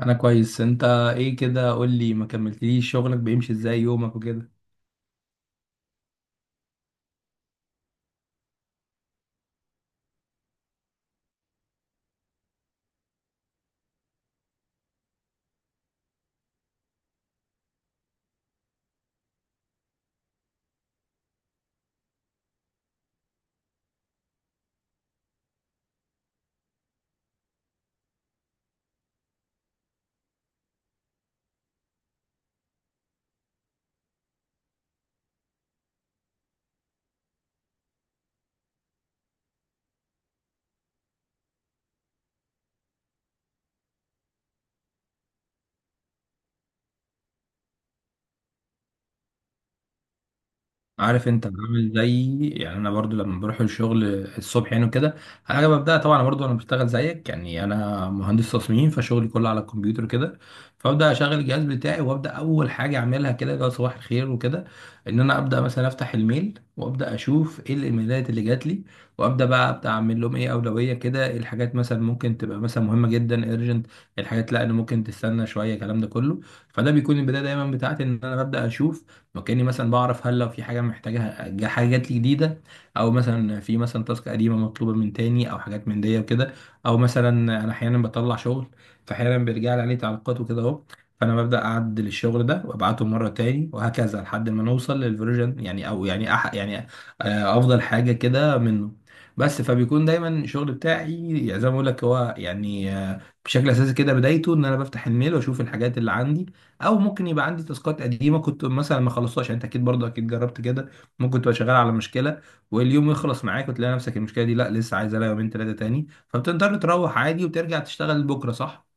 انا كويس. انت ايه كده قول لي، ما كملتليش شغلك بيمشي ازاي؟ يومك وكده؟ عارف انت عامل زي، يعني انا برضو لما بروح الشغل الصبح يعني وكده. انا ببدا طبعا برضو، انا بشتغل زيك يعني، انا مهندس تصميم فشغلي كله على الكمبيوتر كده. فابدا اشغل الجهاز بتاعي وابدا اول حاجه اعملها كده اللي هو صباح الخير وكده، ان انا ابدا مثلا افتح الميل وابدا اشوف ايه الايميلات اللي جات لي، وابدا بقى ابدا اعمل لهم ايه اولويه كده، ايه الحاجات مثلا ممكن تبقى مثلا مهمه جدا ارجنت، الحاجات لا اللي ممكن تستنى شويه الكلام ده كله. فده بيكون البدايه دايما بتاعتي، ان انا ببدا اشوف وكأني مثلا بعرف، هل لو في حاجة محتاجها حاجة جات لي جديدة، أو مثلا في مثلا تاسك قديمة مطلوبة من تاني أو حاجات من دي وكده. أو مثلا أنا أحيانا بطلع شغل فأحيانا بيرجع لي عليه تعليقات وكده أهو، فأنا ببدأ أعدل الشغل ده وأبعته مرة تاني وهكذا لحد ما نوصل للفيرجن، يعني أو يعني يعني، أفضل حاجة كده منه. بس فبيكون دايما الشغل بتاعي يعني زي ما بقول لك، هو يعني بشكل اساسي كده بدايته ان انا بفتح الميل واشوف الحاجات اللي عندي. او ممكن يبقى عندي تاسكات قديمه كنت مثلا ما خلصتهاش، يعني انت اكيد برضه اكيد جربت كده، ممكن تبقى شغال على مشكله واليوم يخلص معاك وتلاقي نفسك المشكله دي لا لسه عايزه لها يومين ثلاثه تاني، فبتقدر تروح عادي وترجع تشتغل بكره، صح؟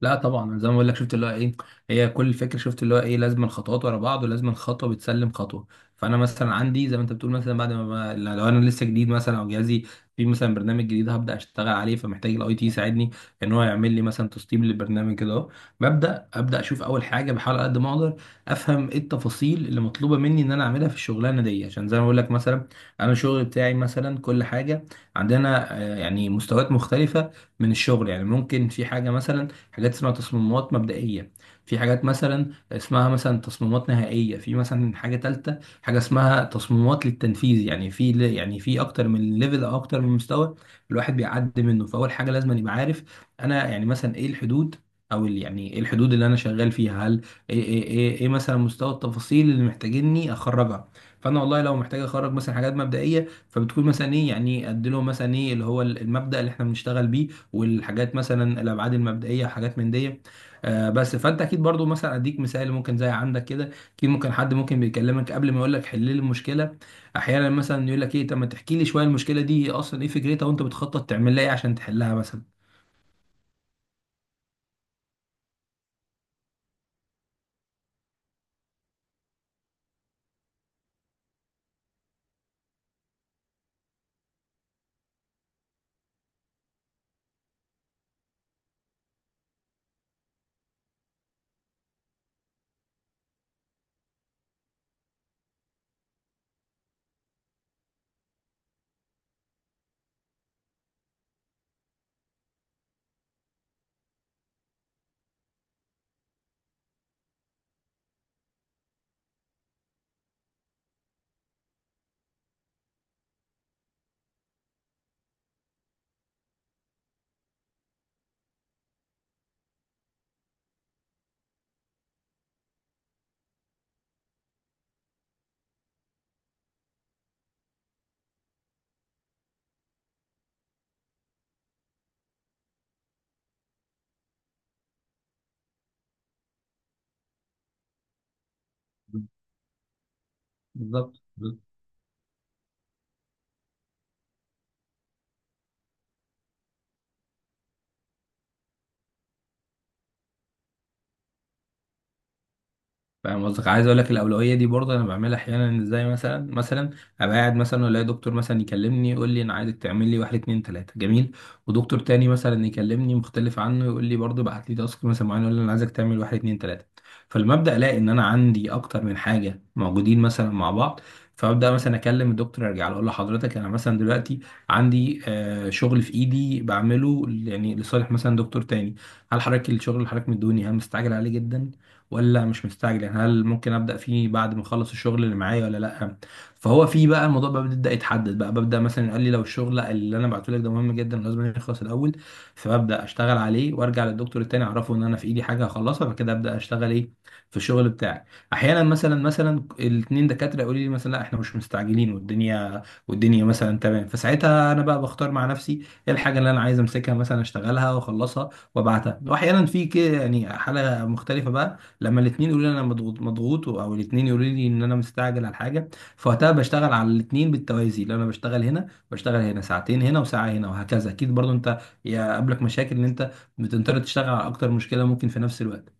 لا طبعا، أنا زي ما بقول لك شفت اللي هو ايه، هي كل الفكره شفت اللي هو ايه، لازم خطوات ورا بعض ولازم خطوه بتسلم خطوه. فانا مثلا عندي زي ما انت بتقول، مثلا بعد ما لو انا لسه جديد مثلا او جهازي في مثلا برنامج جديد هبدا اشتغل عليه، فمحتاج الاي تي يساعدني ان هو يعمل لي مثلا تسطيب للبرنامج كده اهو. ابدا اشوف اول حاجه، بحاول على قد ما اقدر افهم ايه التفاصيل اللي مطلوبه مني ان انا اعملها في الشغلانه دي، عشان زي ما بقول لك مثلا انا الشغل بتاعي مثلا كل حاجه عندنا يعني مستويات مختلفه من الشغل. يعني ممكن في حاجه مثلا، حاجات اسمها تصميمات مبدئية، في حاجات مثلا اسمها مثلا تصميمات نهائية، في مثلا حاجة تالتة حاجة اسمها تصميمات للتنفيذ، يعني في يعني في أكتر من ليفل أو أكتر من مستوى الواحد بيعدي منه. فأول حاجة لازم يبقى عارف أنا يعني مثلا إيه الحدود، او يعني ايه الحدود اللي انا شغال فيها، هل إيه مثلا مستوى التفاصيل اللي محتاجيني اخرجها. فانا والله لو محتاج اخرج مثلا حاجات مبدئيه فبتكون مثلا ايه، يعني ادي لهم مثلا ايه اللي هو المبدأ اللي احنا بنشتغل بيه والحاجات مثلا الابعاد المبدئيه وحاجات من دي. بس فانت اكيد برضو مثلا اديك مثال ممكن زي عندك كده، اكيد ممكن حد ممكن بيكلمك قبل ما يقول لك حل لي المشكله، احيانا مثلا يقول لك ايه، طب ما تحكي لي شويه المشكله دي اصلا ايه فكرتها وانت بتخطط تعمل لها ايه عشان تحلها مثلا. بالظبط. فاهم قصدك، عايز اقول لك الاولويه دي برضه انا بعملها احيانا ازاي. مثلا ابقى قاعد مثلا الاقي دكتور مثلا يكلمني يقول لي انا عايزك تعمل لي واحد اتنين تلاته، جميل. ودكتور تاني مثلا يكلمني مختلف عنه يقول لي برضه بعت لي تاسك مثلا معين يقول لي انا عايزك تعمل واحد اتنين تلاته. فالمبدا الاقي ان انا عندي اكتر من حاجه موجودين مثلا مع بعض، فابدا مثلا اكلم الدكتور ارجع له اقول له حضرتك انا مثلا دلوقتي عندي شغل في ايدي بعمله يعني لصالح مثلا دكتور تاني، هل حضرتك الشغل اللي حضرتك مديهوني هل مستعجل عليه جدا ولا مش مستعجل؟ يعني هل ممكن ابدا فيه بعد ما اخلص الشغل اللي معايا ولا لا؟ فهو في بقى الموضوع بقى بيبدا يتحدد، بقى ببدا مثلا قال لي لو الشغل اللي انا بعته لك ده مهم جدا لازم يخلص الاول، فببدا اشتغل عليه وارجع للدكتور التاني اعرفه ان انا في ايدي حاجه هخلصها، فكده ابدا اشتغل ايه في الشغل بتاعي. احيانا مثلا الاثنين دكاتره يقولوا لي مثلا لا احنا مش مستعجلين والدنيا مثلا تمام، فساعتها انا بقى بختار مع نفسي ايه الحاجه اللي انا عايز امسكها مثلا اشتغلها واخلصها وابعتها. واحيانا في كده يعني حاله مختلفه بقى، لما الاثنين يقولوا لي انا مضغوط مضغوط او الاثنين يقولوا لي ان انا مستعجل على حاجه، فوقتها بشتغل على الاثنين بالتوازي، لو انا بشتغل هنا بشتغل هنا ساعتين هنا وساعه هنا وهكذا. اكيد برضو انت يقابلك مشاكل ان انت بتضطر تشتغل على اكتر مشكله ممكن في نفس الوقت.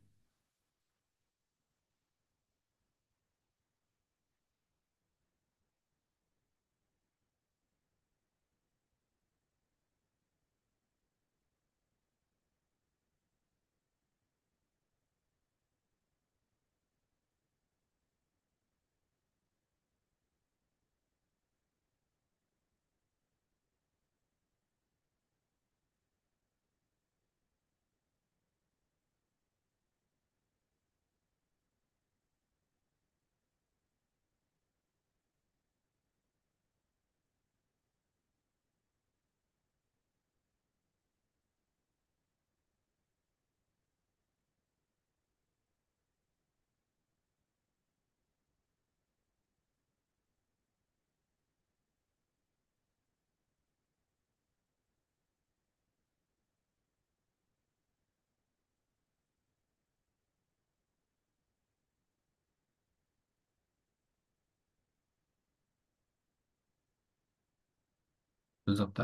بالظبط.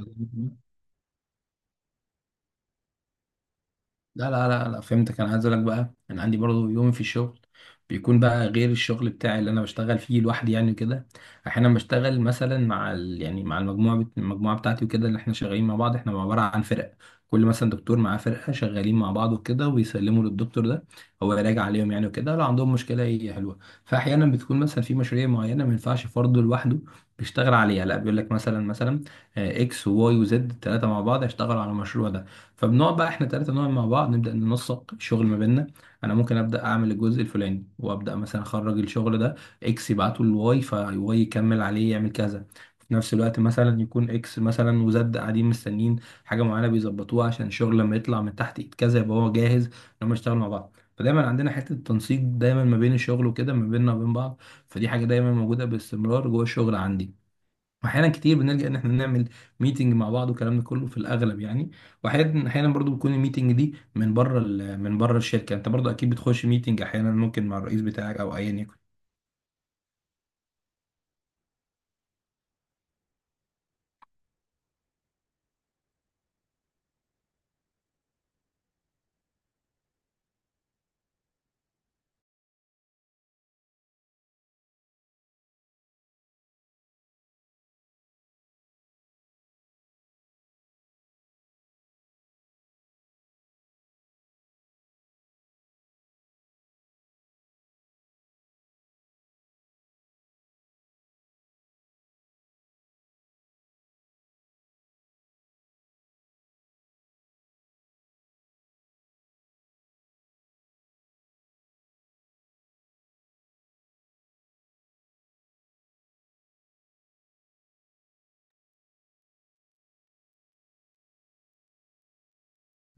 لا لا لا لا، فهمتك. انا عايز اقول لك بقى انا عندي برضو يوم في الشغل بيكون بقى غير الشغل بتاعي اللي انا بشتغل فيه لوحدي يعني وكده. احيانا بشتغل مثلا مع ال... يعني مع المجموعه المجموعه بتاعتي وكده اللي احنا شغالين مع بعض، احنا عباره عن فرق، كل مثلا دكتور معاه فرقه شغالين مع بعض وكده ويسلموا للدكتور ده هو يراجع عليهم يعني وكده لو عندهم مشكله هي حلوه. فاحيانا بتكون مثلا في مشاريع معينه ما ينفعش فرد لوحده بيشتغل عليها، لا بيقول لك مثلا اكس وواي وزد الثلاثه مع بعض هيشتغلوا على المشروع ده. فبنقعد بقى احنا ثلاثه نقعد مع بعض نبدا ننسق الشغل ما بيننا. انا ممكن ابدا اعمل الجزء الفلاني وابدا مثلا اخرج الشغل ده اكس يبعته لواي فواي يكمل عليه يعمل كذا. في نفس الوقت مثلا يكون اكس مثلا وزد قاعدين مستنيين حاجه معينه بيظبطوها عشان الشغل لما يطلع من تحت ايد كذا يبقى هو جاهز ان هم يشتغلوا مع بعض. فدايما عندنا حته التنسيق دايما ما بين الشغل وكده ما بيننا وبين بعض، فدي حاجه دايما موجوده باستمرار جوه الشغل عندي. واحيانا كتير بنلجأ ان احنا نعمل ميتنج مع بعض والكلام ده كله في الاغلب يعني. واحيانا برضو بتكون الميتنج دي من بره من بره الشركه، انت برضو اكيد بتخش ميتنج احيانا ممكن مع الرئيس بتاعك او ايا يكن.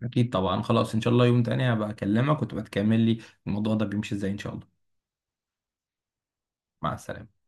اكيد طبعا، خلاص ان شاء الله يوم تاني هبقى اكلمك وتبقى تكمل لي الموضوع ده بيمشي ازاي ان شاء الله. مع السلامه.